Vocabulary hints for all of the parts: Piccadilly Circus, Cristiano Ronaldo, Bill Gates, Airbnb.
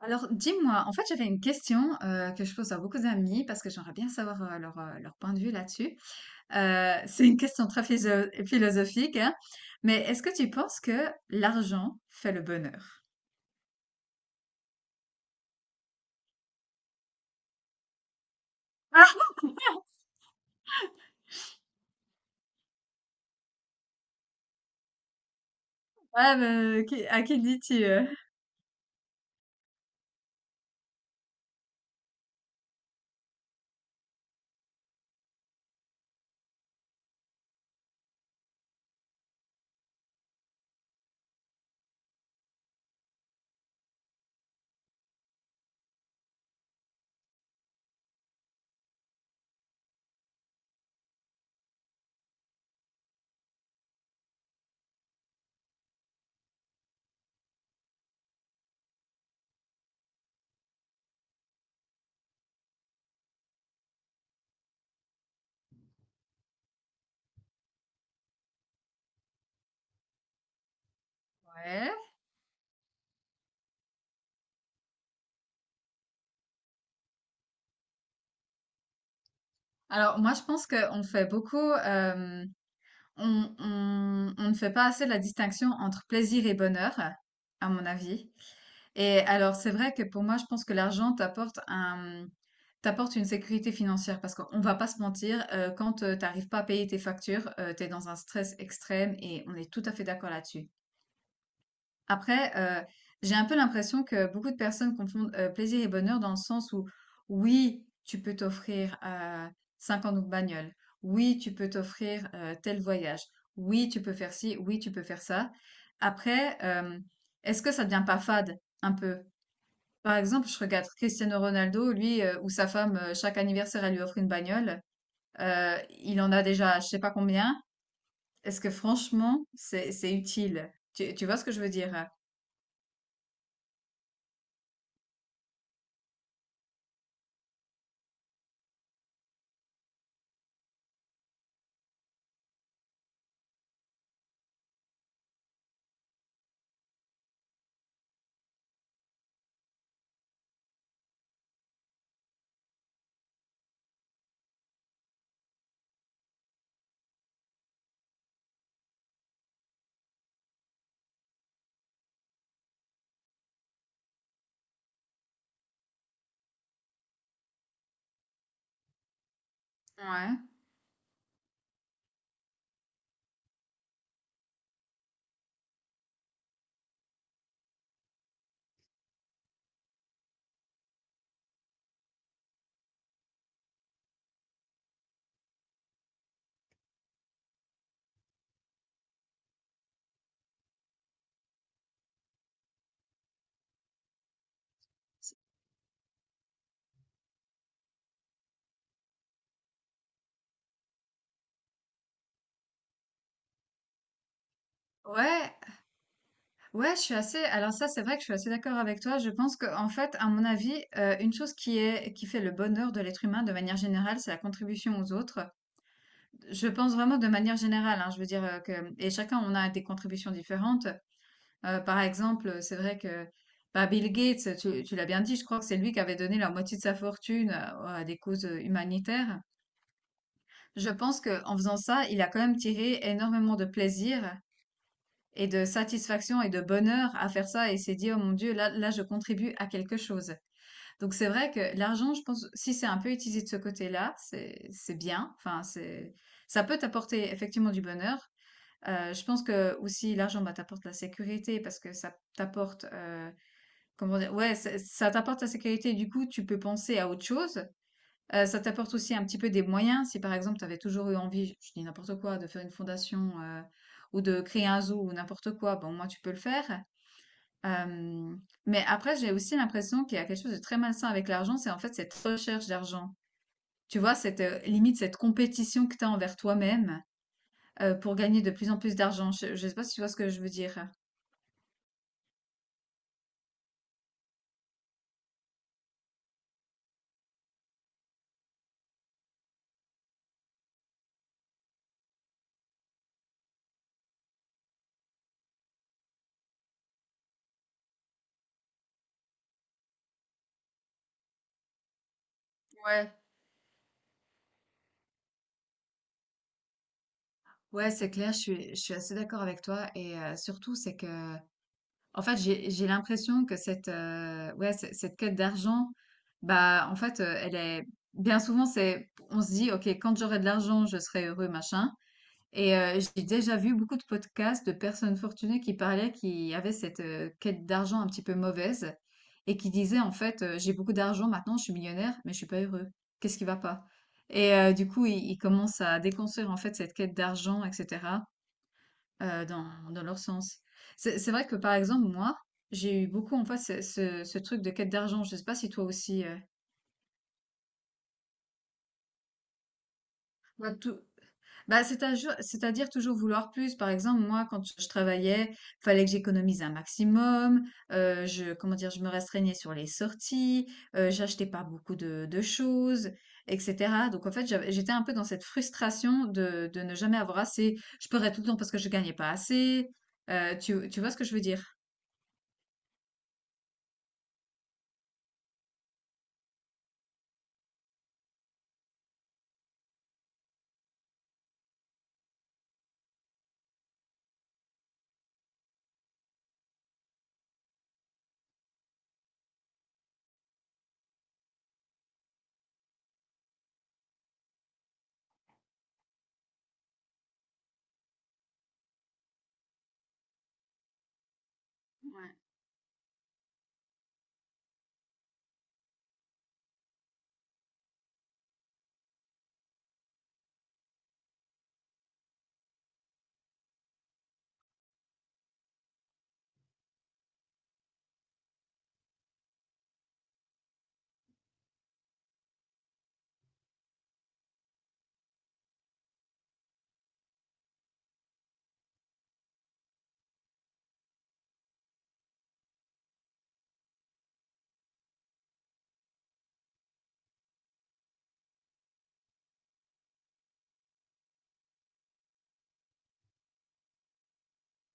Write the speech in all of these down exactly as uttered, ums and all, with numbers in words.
Alors, dis-moi, en fait, j'avais une question euh, que je pose à beaucoup d'amis parce que j'aimerais bien savoir euh, leur, euh, leur point de vue là-dessus. Euh, c'est une question très philo- philosophique, hein, mais est-ce que tu penses que l'argent fait le bonheur? Ah, ouais, mais euh, qui- à qui le dis-tu? euh Ouais. Alors, moi, je pense qu'on fait beaucoup, euh, on, on on ne fait pas assez la distinction entre plaisir et bonheur, à mon avis. Et alors, c'est vrai que pour moi, je pense que l'argent t'apporte un, t'apporte une sécurité financière parce qu'on va pas se mentir, euh, quand euh, t'arrives pas à payer tes factures, euh, t'es dans un stress extrême et on est tout à fait d'accord là-dessus. Après, euh, j'ai un peu l'impression que beaucoup de personnes confondent euh, plaisir et bonheur dans le sens où, oui, tu peux t'offrir euh, cinquante de bagnole, oui, tu peux t'offrir euh, tel voyage, oui, tu peux faire ci, oui, tu peux faire ça. Après, euh, est-ce que ça devient pas fade un peu? Par exemple, je regarde Cristiano Ronaldo, lui, euh, ou sa femme, euh, chaque anniversaire, elle lui offre une bagnole. Euh, il en a déjà je sais pas combien. Est-ce que franchement, c'est c'est utile? Tu, tu vois ce que je veux dire? Ouais. Ouais, ouais, je suis assez. Alors ça, c'est vrai que je suis assez d'accord avec toi. Je pense que, en fait, à mon avis, euh, une chose qui est qui fait le bonheur de l'être humain de manière générale, c'est la contribution aux autres. Je pense vraiment de manière générale. Hein, je veux dire euh, que et chacun, on a des contributions différentes. Euh, par exemple, c'est vrai que bah, Bill Gates, tu, tu l'as bien dit, je crois que c'est lui qui avait donné la moitié de sa fortune à, à des causes euh, humanitaires. Je pense qu'en faisant ça, il a quand même tiré énormément de plaisir et de satisfaction et de bonheur à faire ça et s'est dit, oh mon Dieu, là, là, je contribue à quelque chose. Donc c'est vrai que l'argent, je pense, si c'est un peu utilisé de ce côté-là, c'est, c'est bien. Enfin, c'est, ça peut t'apporter effectivement du bonheur. Euh, je pense que aussi l'argent bah, t'apporte la sécurité parce que ça t'apporte euh, comment dire? Ouais, ça ça t'apporte la sécurité, du coup, tu peux penser à autre chose. Heu, ça t'apporte aussi un petit peu des moyens. Si, par exemple, tu avais toujours eu envie, je dis n'importe quoi, de faire une fondation, heu, ou de créer un zoo ou n'importe quoi, bon moi tu peux le faire. Hem, mais après, j'ai aussi l'impression qu'il y a quelque chose de très malsain avec l'argent, c'est, en fait, cette recherche d'argent. Tu vois? Cette, heu, limite, cette compétition que tu as envers toi-même, heu, pour gagner de plus en plus d'argent. Je ne sais pas si tu vois ce que je veux dire? Ouais, ouais, c'est clair, je suis, je suis assez d'accord avec toi. Et euh, surtout, c'est que, en fait, j'ai, j'ai l'impression que cette, euh, ouais, ce- cette quête d'argent, bah, en fait, euh, elle est, bien souvent, c'est, on se dit, OK, quand j'aurai de l'argent, je serai heureux, machin. Et heu, j'ai déjà vu beaucoup de podcasts de personnes fortunées qui parlaient, qui avaient cette, heu, quête d'argent un petit peu mauvaise et qui disaient en fait, heu: «J'ai beaucoup d'argent maintenant, je suis millionnaire, mais je suis pas heureux. Qu'est-ce qui va pas?» Et heu, du coup, ils ils commencent à déconstruire en fait cette quête d'argent et cetera, heu, dans dans leur sens. C'est c'est vrai que par exemple moi, j'ai eu beaucoup en fait ce ce ce truc de quête d'argent. Je sais pas si toi aussi, heu? Moi tout bah, c'est-à-jeu c'est-à-dire toujours vouloir plus. Par exemple, moi, quand je travaillais, fallait que j'économise un maximum. Heu, je Comment dire? Je me restreignais sur les sorties, heu, j'achetais pas beaucoup de de choses et cetera. Donc en fait, j'avais j'étais un peu dans cette frustration de de ne jamais avoir assez. Je pleurais tout le temps parce que je gagnais pas assez. Heu, tu tu vois ce que je veux dire?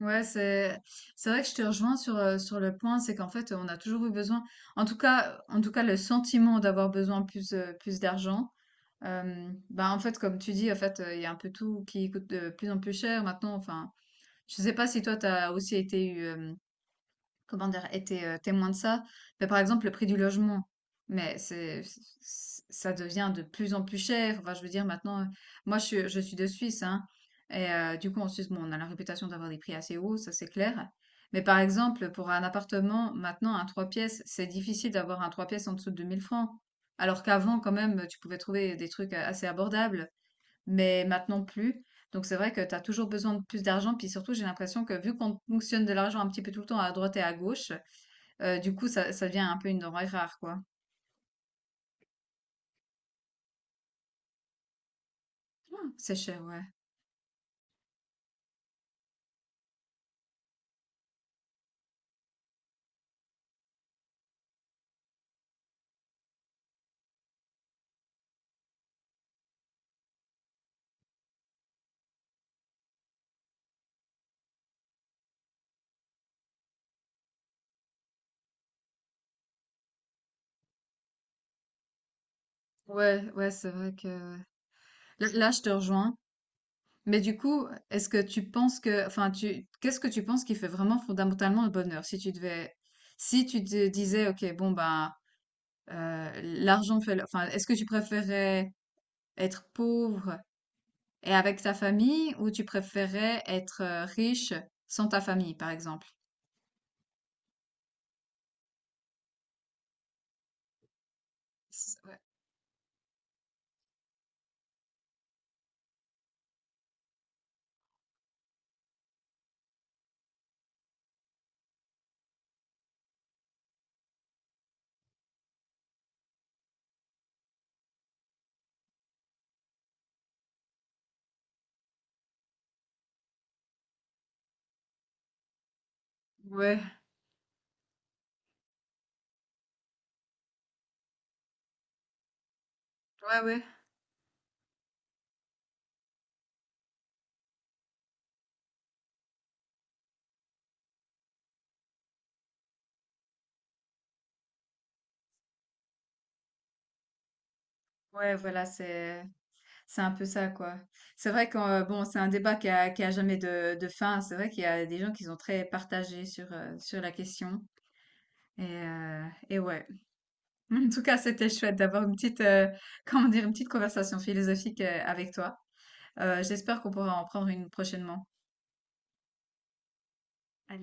Ouais, c'est c'est vrai que je te rejoins sur, euh, sur le point, c'est qu'en fait, on a toujours eu besoin, en tout cas, en tout cas, le sentiment d'avoir besoin plus, euh, plus d'argent. Euh, bah, en fait, comme tu dis, en fait, euh, il y a un peu tout qui coûte euh, de plus en plus cher maintenant. Enfin, je sais pas si toi, t'as aussi été comment dire, été euh, témoin de ça. Mais par exemple, le prix du logement, mais c'est, c'est- ça devient de plus en plus cher. Enfin, je veux dire, maintenant, euh, moi, je, suis- je suis de Suisse, hein, et euh, du coup, en Suisse, bon, on a la réputation d'avoir des prix assez hauts, ça c'est clair. Mais par exemple, pour un appartement, maintenant, un trois pièces, c'est difficile d'avoir un trois pièces en dessous de deux mille francs. Alors qu'avant, quand même, tu pouvais trouver des trucs assez abordables mais maintenant plus. Donc c'est vrai que tu as toujours besoin de plus d'argent. Puis surtout, j'ai l'impression que vu qu'on fonctionne de l'argent un petit peu tout le temps à droite et à gauche, euh, du coup, ça, ça devient un peu une denrée rare, quoi. Hum, C'est cher, ouais. Ouais, ouais, c'est vrai que… Là, là, je te rejoins. Mais du coup, est-ce que tu penses que… Enfin, tu… qu'est-ce que tu penses qui fait vraiment fondamentalement le bonheur? Si tu devais… Si tu te disais, OK, bon, ben, euh, l'argent fait... le- Enfin, est-ce que tu préférais être pauvre et avec ta famille, ou tu préférais être euh, riche sans ta famille, par exemple? S- Ouais, ouais, ouais, ouais, ouais, voilà, c'est c'est un peu ça, quoi. C'est vrai que euh, bon, c'est un débat qui a, qui a jamais de, de fin. C'est vrai qu'il y a des gens qui sont très partagés sur euh, sur la question. Et euh, et ouais. En tout cas, c'était chouette d'avoir une petite euh, comment dire une petite conversation philosophique euh, avec toi. Euh, j'espère qu'on pourra en prendre une prochainement. Allez.